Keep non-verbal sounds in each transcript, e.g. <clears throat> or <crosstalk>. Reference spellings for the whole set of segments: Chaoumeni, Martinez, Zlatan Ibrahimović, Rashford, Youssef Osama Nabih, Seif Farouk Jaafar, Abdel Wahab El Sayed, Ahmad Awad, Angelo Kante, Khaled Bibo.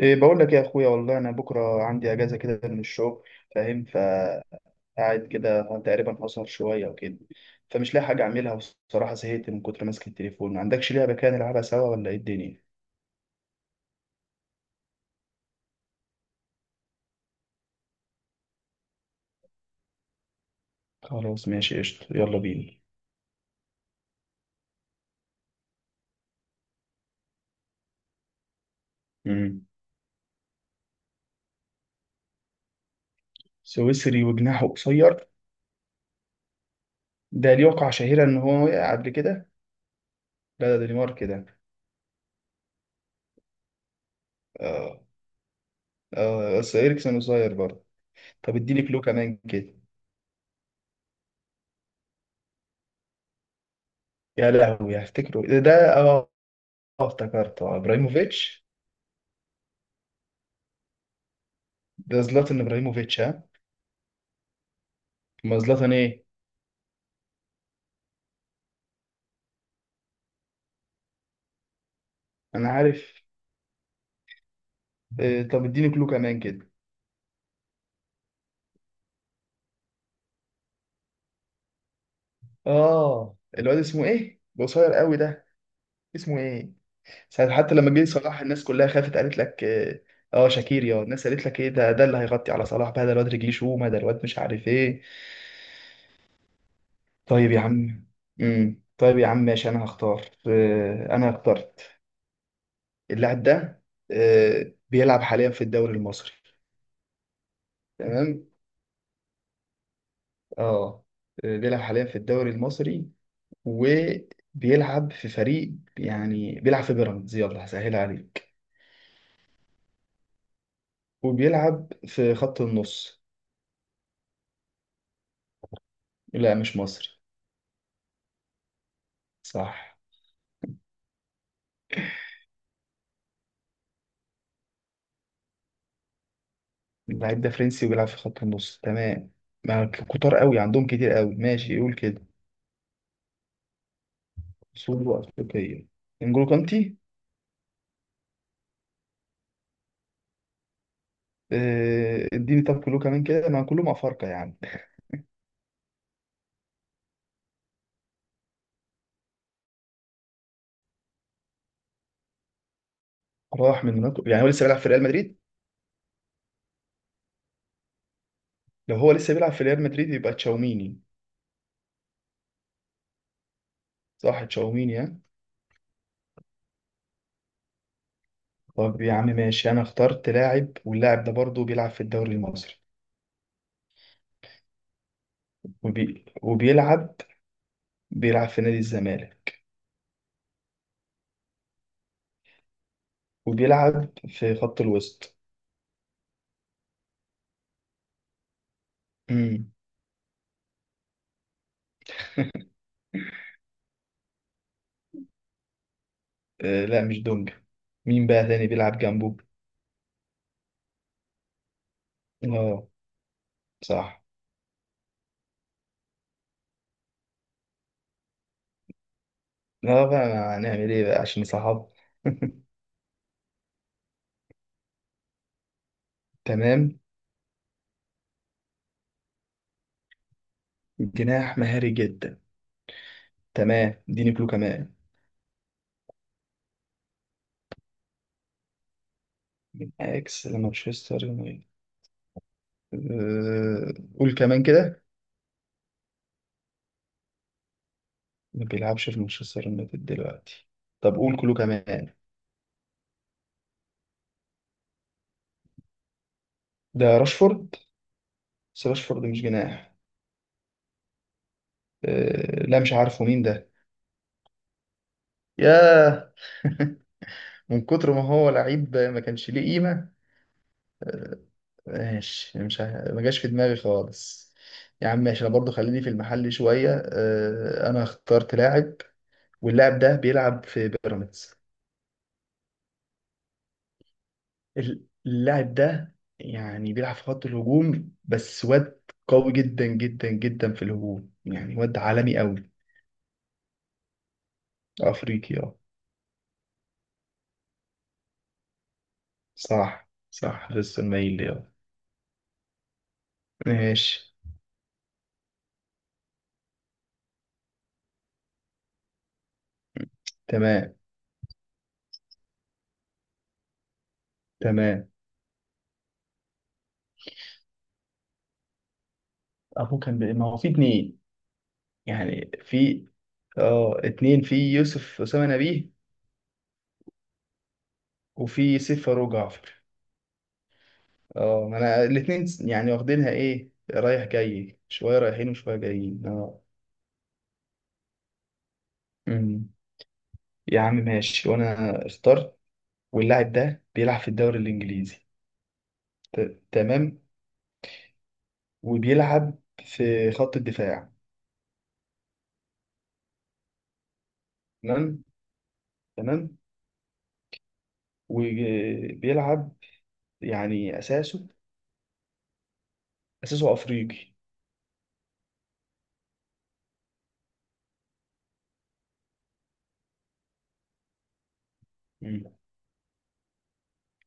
إيه، بقول لك يا اخويا، والله انا بكره عندي اجازه كده من الشغل، فاهم، فقاعد كده تقريبا اسهر شويه وكده، فمش لاقي حاجه اعملها والصراحه زهقت من كتر ماسك التليفون. ما عندكش لعبه كده نلعبها سوا ولا ايه الدنيا؟ خلاص، ماشي قشطه، يلا بينا. امم سويسري وجناحه قصير. ده ليه وقعه شهيره، ان هو وقع قبل كده؟ لا، ده دنمارك كده. اه. اه، بس اريكسن قصير برضه. طب اديني كلو كمان كده. يا لهوي، هفتكره ده. اه. آه، افتكرته ابراهيموفيتش. ده زلاتان ابراهيموفيتش، ها؟ ما زلاتان ايه؟ انا عارف. إيه، طب اديني كلو كمان كده. اه، الواد اسمه ايه قصير قوي ده؟ اسمه ايه؟ ساعة حتى لما جه صلاح الناس كلها خافت قالت لك إيه، اه شاكير، يا الناس قالت لك ايه ده اللي هيغطي على صلاح بقى؟ ده الواد رجليه شومه، ده الواد مش عارف ايه. طيب يا عم. طيب يا عم، ماشي. انا اخترت اللاعب ده. آه، بيلعب حاليا في الدوري المصري. تمام. اه. آه، بيلعب حاليا في الدوري المصري، وبيلعب في فريق، يعني بيلعب في بيراميدز، يلا هسهلها عليك. وبيلعب في خط النص. لا، مش مصري. صح. اللعيب ده فرنسي وبيلعب في خط النص، تمام. ما كتار قوي، عندهم كتير قوي، ماشي يقول كده. اصوله افريقيه. انجولو كانتي. آه، اديني طب كله كمان كده، ما كلهم افارقه يعني. <laughs> راح من هناك، يعني هو لسه بيلعب في ريال مدريد؟ لو هو لسه بيلعب في ريال مدريد يبقى تشاوميني. صح، تشاوميني، ها؟ طب يا عم ماشي، انا اخترت لاعب، واللاعب ده برضه بيلعب في الدوري المصري. وبي... وبيلعب بيلعب في نادي الزمالك. وبيلعب في خط الوسط. امم. آه، لا مش دونج. مين بقى تاني بيلعب جنبه؟ اه، صح. لا بقى، ما هنعمل ايه بقى عشان صحاب. <laughs> تمام. جناح مهاري جدا. تمام، اديني كلو كمان. من اكس لمانشستر يونايتد. آه، قول كمان كده. ما بيلعبش في مانشستر يونايتد دلوقتي. طب قول كلو كمان. ده راشفورد. بس راشفورد مش جناح. آه، لا مش عارفه مين ده. ياه. <laughs> من كتر ما هو لعيب ما كانش ليه قيمة. ماشي، مش ه- ما جاش في دماغي خالص. يا عم ماشي، انا برضو خليني في المحل شوية، انا اخترت لاعب. واللاعب ده بيلعب في بيراميدز. اللاعب ده يعني بيلعب في خط الهجوم، بس واد قوي جدا جدا جدا في الهجوم، يعني واد عالمي قوي. افريقي، اه. صح صح، لسه المايل ليه، آه. ماشي. تمام. تمام. ابوه ما هو في اتنين. يعني في. اه، اتنين في يوسف أسامة نبيه. وفي سيف فاروق جعفر. اه، ما انا الاتنين يعني واخدينها ايه، رايح جاي، شوية رايحين وشوية جايين، اه. امم. يا عم ماشي، وانا اخترت. واللاعب ده بيلعب في الدوري الانجليزي. تمام. وبيلعب في خط الدفاع. تمام. تمام. وبيلعب، يعني اساسه افريقي. مم.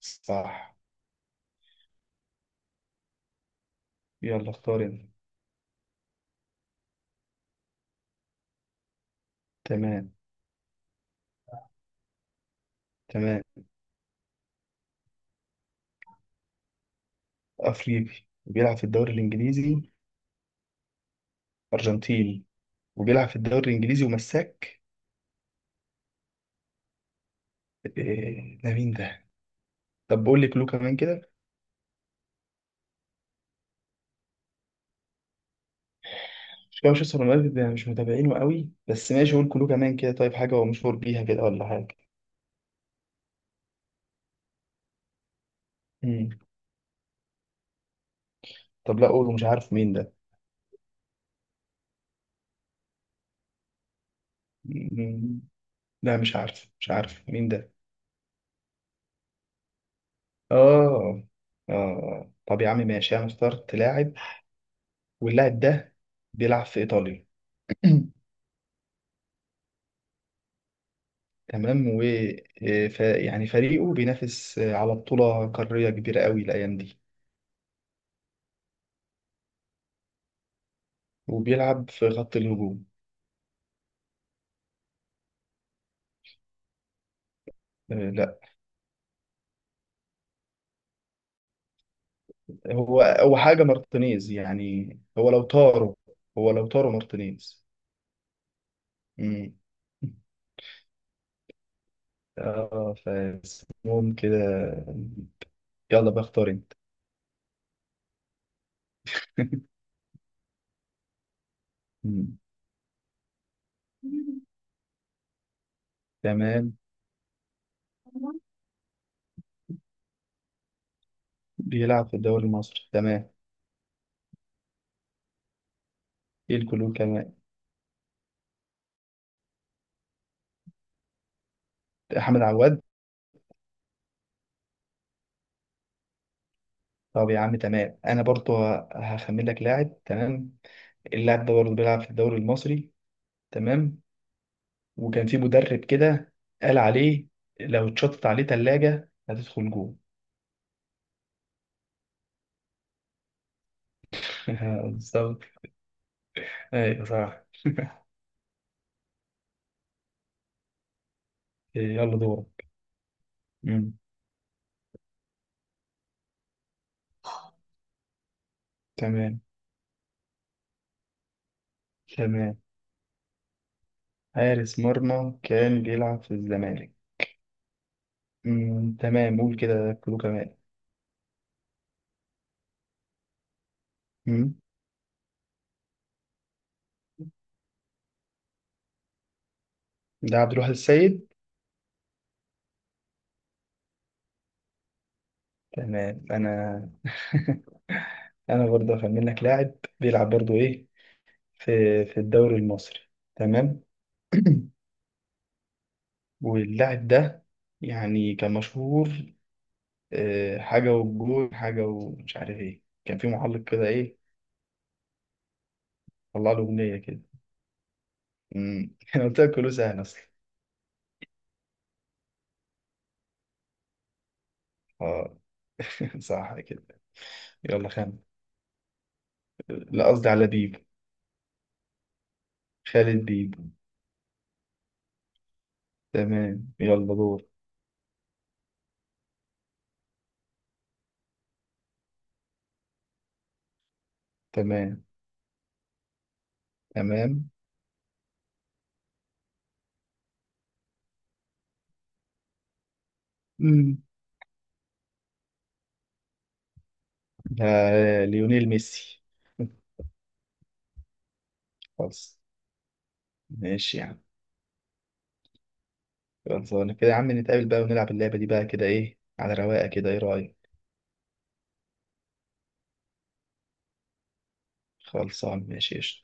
صح. يلا اختار انت. تمام. تمام. افريقي بيلعب في الدوري الانجليزي. ارجنتيني. وبيلعب في الدوري الانجليزي، ومساك. إيه ده، مين ده؟ طب بقول لك كلو كمان كده. مش كده مانشستر يونايتد، يعني مش متابعينه قوي، بس ماشي قول كلو كمان كده. طيب، حاجه هو مشهور بيها كده ولا حاجه؟ مم. طب لا قول، مش عارف مين ده. مم. لا مش عارف، مش عارف مين ده. اه. اه، طب يا عم ماشي، انا اخترت لاعب. واللاعب ده بيلعب في ايطاليا. <clears throat> تمام. و يعني فريقه بينافس على بطولة قارية كبيرة قوي الأيام دي. وبيلعب في خط الهجوم. آه، لا. هو حاجة مارتينيز، يعني هو لو طاروا. هو لو طاروا مارتينيز. مم. اه، فاسمهم كده. يلا بقى اختار انت. مم. تمام. بيلعب في الدوري المصري، تمام. ايه الكلو كمان؟ احمد عواد. طب يا عم تمام، انا برضو هخمن لك لاعب. تمام. اللاعب ده برضه بيلعب في الدوري المصري. تمام. وكان في مدرب كده قال عليه لو اتشطت عليه تلاجة هتدخل جوه. <laughs> بالظبط. ايوه، صح. يلا دورك. مم. تمام. تمام، حارس مرمى كان بيلعب في الزمالك. مم. تمام، قول كده كله كمان. مم. ده عبد الواحد السيد. تمام. انا <laughs> انا برضه هخمن لك لاعب. بيلعب برضه ايه، في في الدوري المصري. تمام. <clears throat> واللاعب ده يعني كان مشهور، حاجة والجول حاجة، ومش عارف ايه، كان في محلق كده ايه. طلع له أغنية كده. <laughs> انا قلت لك كله سهل اصلا. اه، <laughs> صح كده. يلا خان. لا، قصدي على بيبو. خالد بيبو. تمام، يلا دور. تمام. تمام. أمم. آه، ليونيل ميسي. <laughs> خلاص. ماشي يا عم. خلصانة كده يا عم، نتقابل بقى ونلعب اللعبة دي بقى كده، ايه على رواقة كده، ايه رأيك؟ خلصان، ماشي قشطة.